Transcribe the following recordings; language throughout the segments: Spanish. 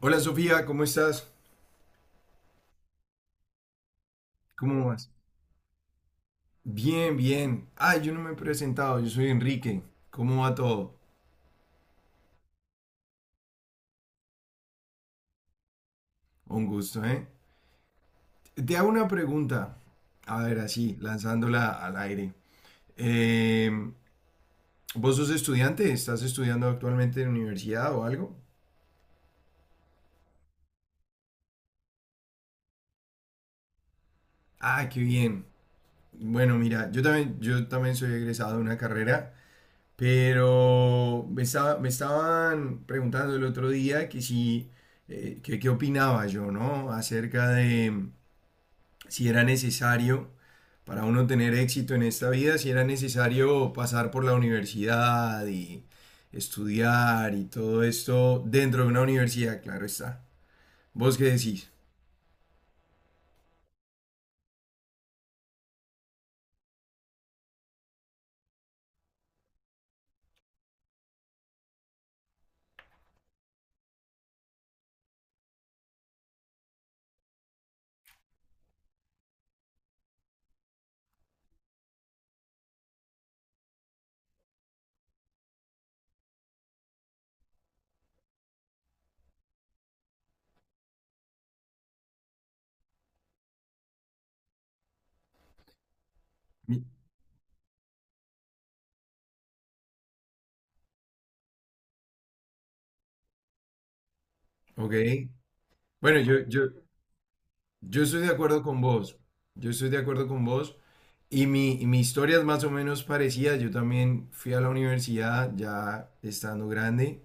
Hola, Sofía, ¿cómo estás? ¿Cómo vas? Bien, bien. Ah, yo no me he presentado, yo soy Enrique. ¿Cómo va todo? Un gusto, ¿eh? Te hago una pregunta. A ver, así, lanzándola al aire. Eh, ¿Vos sos estudiante? ¿Estás estudiando actualmente en la universidad o algo? Ah, qué bien. Bueno, mira, yo también soy egresado de una carrera. Pero me estaban preguntando el otro día que si, que qué opinaba yo, ¿no? Acerca de si era necesario para uno tener éxito en esta vida, si era necesario pasar por la universidad y estudiar y todo esto dentro de una universidad, claro está. ¿Vos qué decís? Mi- Ok. Bueno, yo, yo estoy de acuerdo con vos. Yo estoy de acuerdo con vos. Y mi historia es más o menos parecida. Yo también fui a la universidad ya estando grande.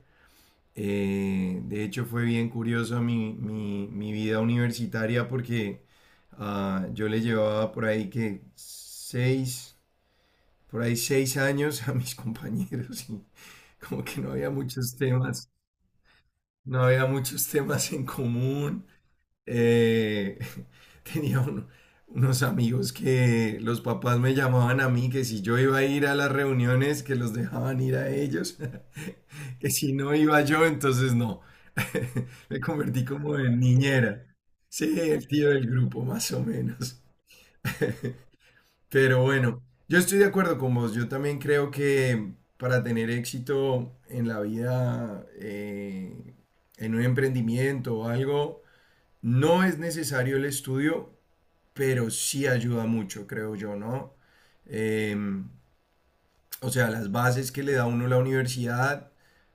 De hecho, fue bien curiosa mi vida universitaria porque yo le llevaba por ahí que por ahí seis años a mis compañeros y como que no había muchos temas, no había muchos temas en común eh, tenía un- unos amigos que los papás me llamaban a mí, que si yo iba a ir a las reuniones, que los dejaban ir a ellos, que si no iba yo, entonces no. Me convertí como en niñera. Sí, el tío del grupo, más o menos. Pero bueno, yo estoy de acuerdo con vos. Yo también creo que para tener éxito en la vida, en un emprendimiento o algo, no es necesario el estudio, pero sí ayuda mucho, creo yo, ¿no? Em, o sea, las bases que le da uno la universidad,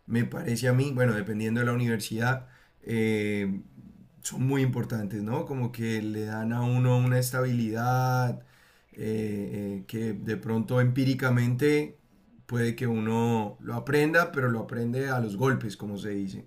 me parece a mí, bueno, dependiendo de la universidad, eh, son muy importantes, ¿no? Como que le dan a uno una estabilidad que de pronto empíricamente puede que uno lo aprenda, pero lo aprende a los golpes, como se dice.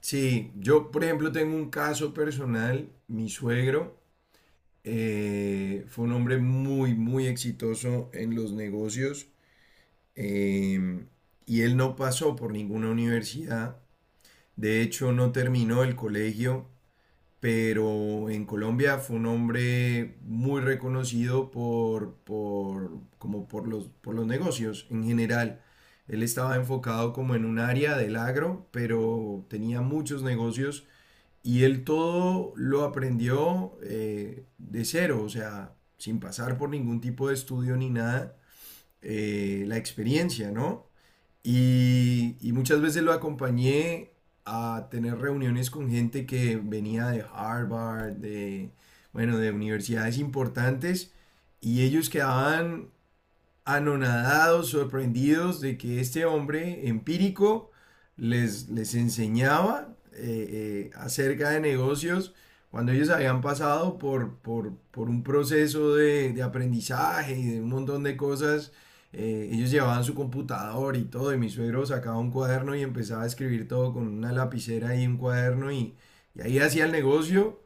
Sí, yo por ejemplo tengo un caso personal, mi suegro fue un hombre muy, muy exitoso en los negocios eh, y él no pasó por ninguna universidad, de hecho no terminó el colegio, pero en Colombia fue un hombre muy reconocido por como por los negocios en general. Él estaba enfocado como en un área del agro, pero tenía muchos negocios y él todo lo aprendió de cero, o sea, sin pasar por ningún tipo de estudio ni nada, la experiencia, ¿no? Y muchas veces lo acompañé a tener reuniones con gente que venía de Harvard, de, bueno, de universidades importantes, y ellos quedaban anonadados, sorprendidos de que este hombre empírico les enseñaba acerca de negocios cuando ellos habían pasado por un proceso de aprendizaje y de un montón de cosas. Ellos llevaban su computador y todo, y mi suegro sacaba un cuaderno y empezaba a escribir todo con una lapicera y un cuaderno y ahí hacía el negocio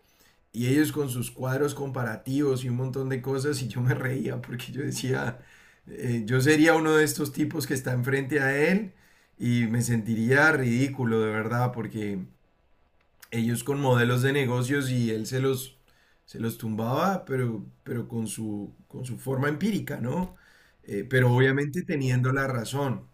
y ellos con sus cuadros comparativos y un montón de cosas, y yo me reía porque yo decía, yo sería uno de estos tipos que está enfrente a él y me sentiría ridículo de verdad porque ellos con modelos de negocios y él se los tumbaba, pero con su forma empírica, ¿no? Pero obviamente teniendo la razón.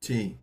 Sí,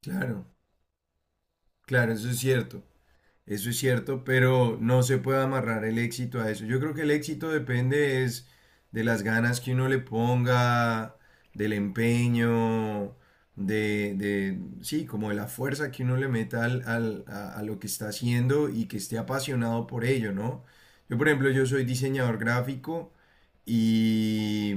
claro, claro, eso es cierto. Eso es cierto, pero no se puede amarrar el éxito a eso. Yo creo que el éxito depende es de las ganas que uno le ponga, del empeño, de sí, como de la fuerza que uno le meta a lo que está haciendo y que esté apasionado por ello, ¿no? Yo, por ejemplo, yo soy diseñador gráfico y,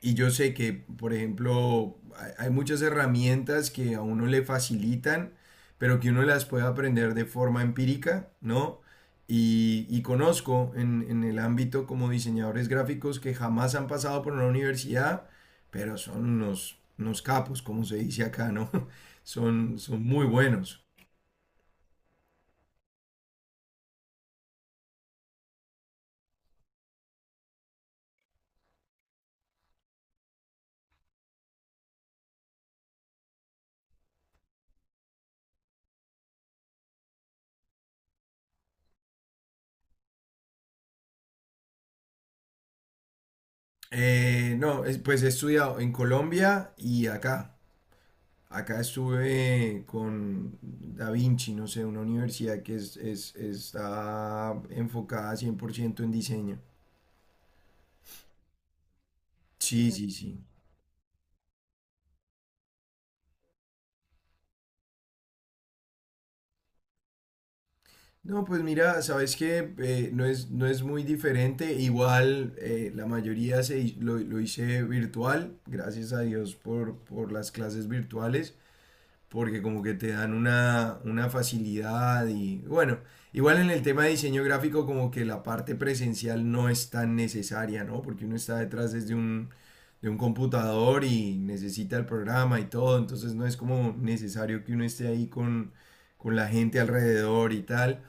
y yo sé que, por ejemplo, hay muchas herramientas que a uno le facilitan pero que uno las pueda aprender de forma empírica, ¿no? Y conozco en el ámbito como diseñadores gráficos que jamás han pasado por una universidad, pero son unos capos, como se dice acá, ¿no? Son muy buenos. No, es- Pues he estudiado en Colombia y acá. Acá estuve con Da Vinci, no sé, una universidad que está enfocada 100% en diseño. Sí, sí, sí. No, pues mira, sabes que no no es muy diferente. Igual la mayoría lo hice virtual, gracias a Dios por las clases virtuales, porque como que te dan una facilidad y bueno, igual en el tema de diseño gráfico como que la parte presencial no es tan necesaria, ¿no? Porque uno está detrás desde de un computador y necesita el programa y todo, entonces no es como necesario que uno esté ahí con la gente alrededor y tal.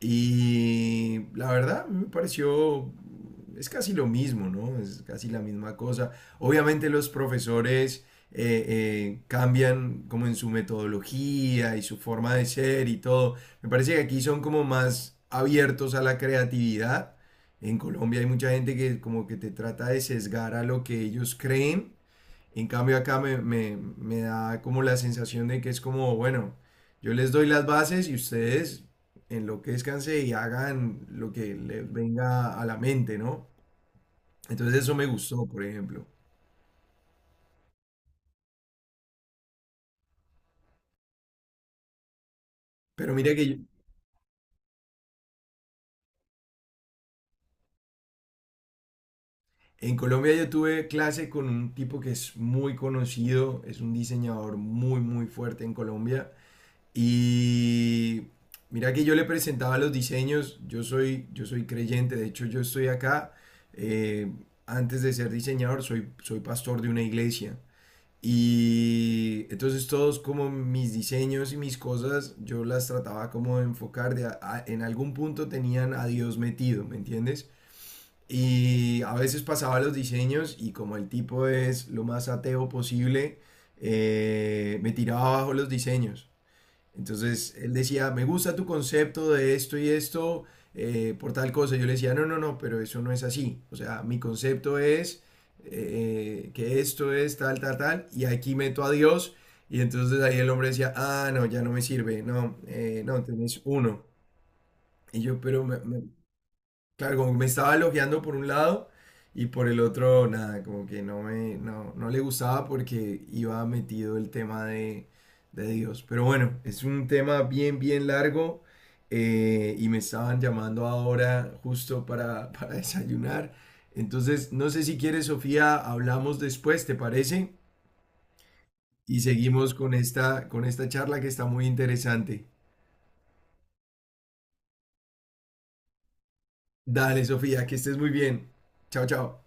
Y la verdad, me pareció, es casi lo mismo, ¿no? Es casi la misma cosa. Obviamente los profesores cambian como en su metodología y su forma de ser y todo. Me parece que aquí son como más abiertos a la creatividad. En Colombia hay mucha gente que como que te trata de sesgar a lo que ellos creen, en cambio acá me da como la sensación de que es como, bueno, yo les doy las bases y ustedes enloquézcanse y hagan lo que les venga a la mente, ¿no? Entonces eso me gustó, por ejemplo. Pero mira que en Colombia yo tuve clase con un tipo que es muy conocido, es un diseñador muy, muy fuerte en Colombia. Y mira que yo le presentaba los diseños, yo soy creyente, de hecho yo estoy acá, eh, antes de ser diseñador soy pastor de una iglesia. Y entonces todos como mis diseños y mis cosas, yo las trataba como de enfocar, en algún punto tenían a Dios metido, ¿me entiendes? Y a veces pasaba los diseños y como el tipo es lo más ateo posible, me tiraba abajo los diseños. Entonces él decía, me gusta tu concepto de esto y esto por tal cosa. Yo le decía, no, no, no, pero eso no es así. O sea, mi concepto es que esto es tal, tal, tal, y aquí meto a Dios. Y entonces ahí el hombre decía, ah, no, ya no me sirve, no, no, tenés uno. Y yo, pero claro, como que me estaba elogiando por un lado y por el otro, nada, como que no no le gustaba porque iba metido el tema de Dios. Pero bueno, es un tema bien, bien largo y me estaban llamando ahora justo para desayunar. Entonces, no sé si quieres, Sofía, hablamos después, ¿te parece? Y seguimos con esta charla que está muy interesante. Dale, Sofía, que estés muy bien. Chao, chao.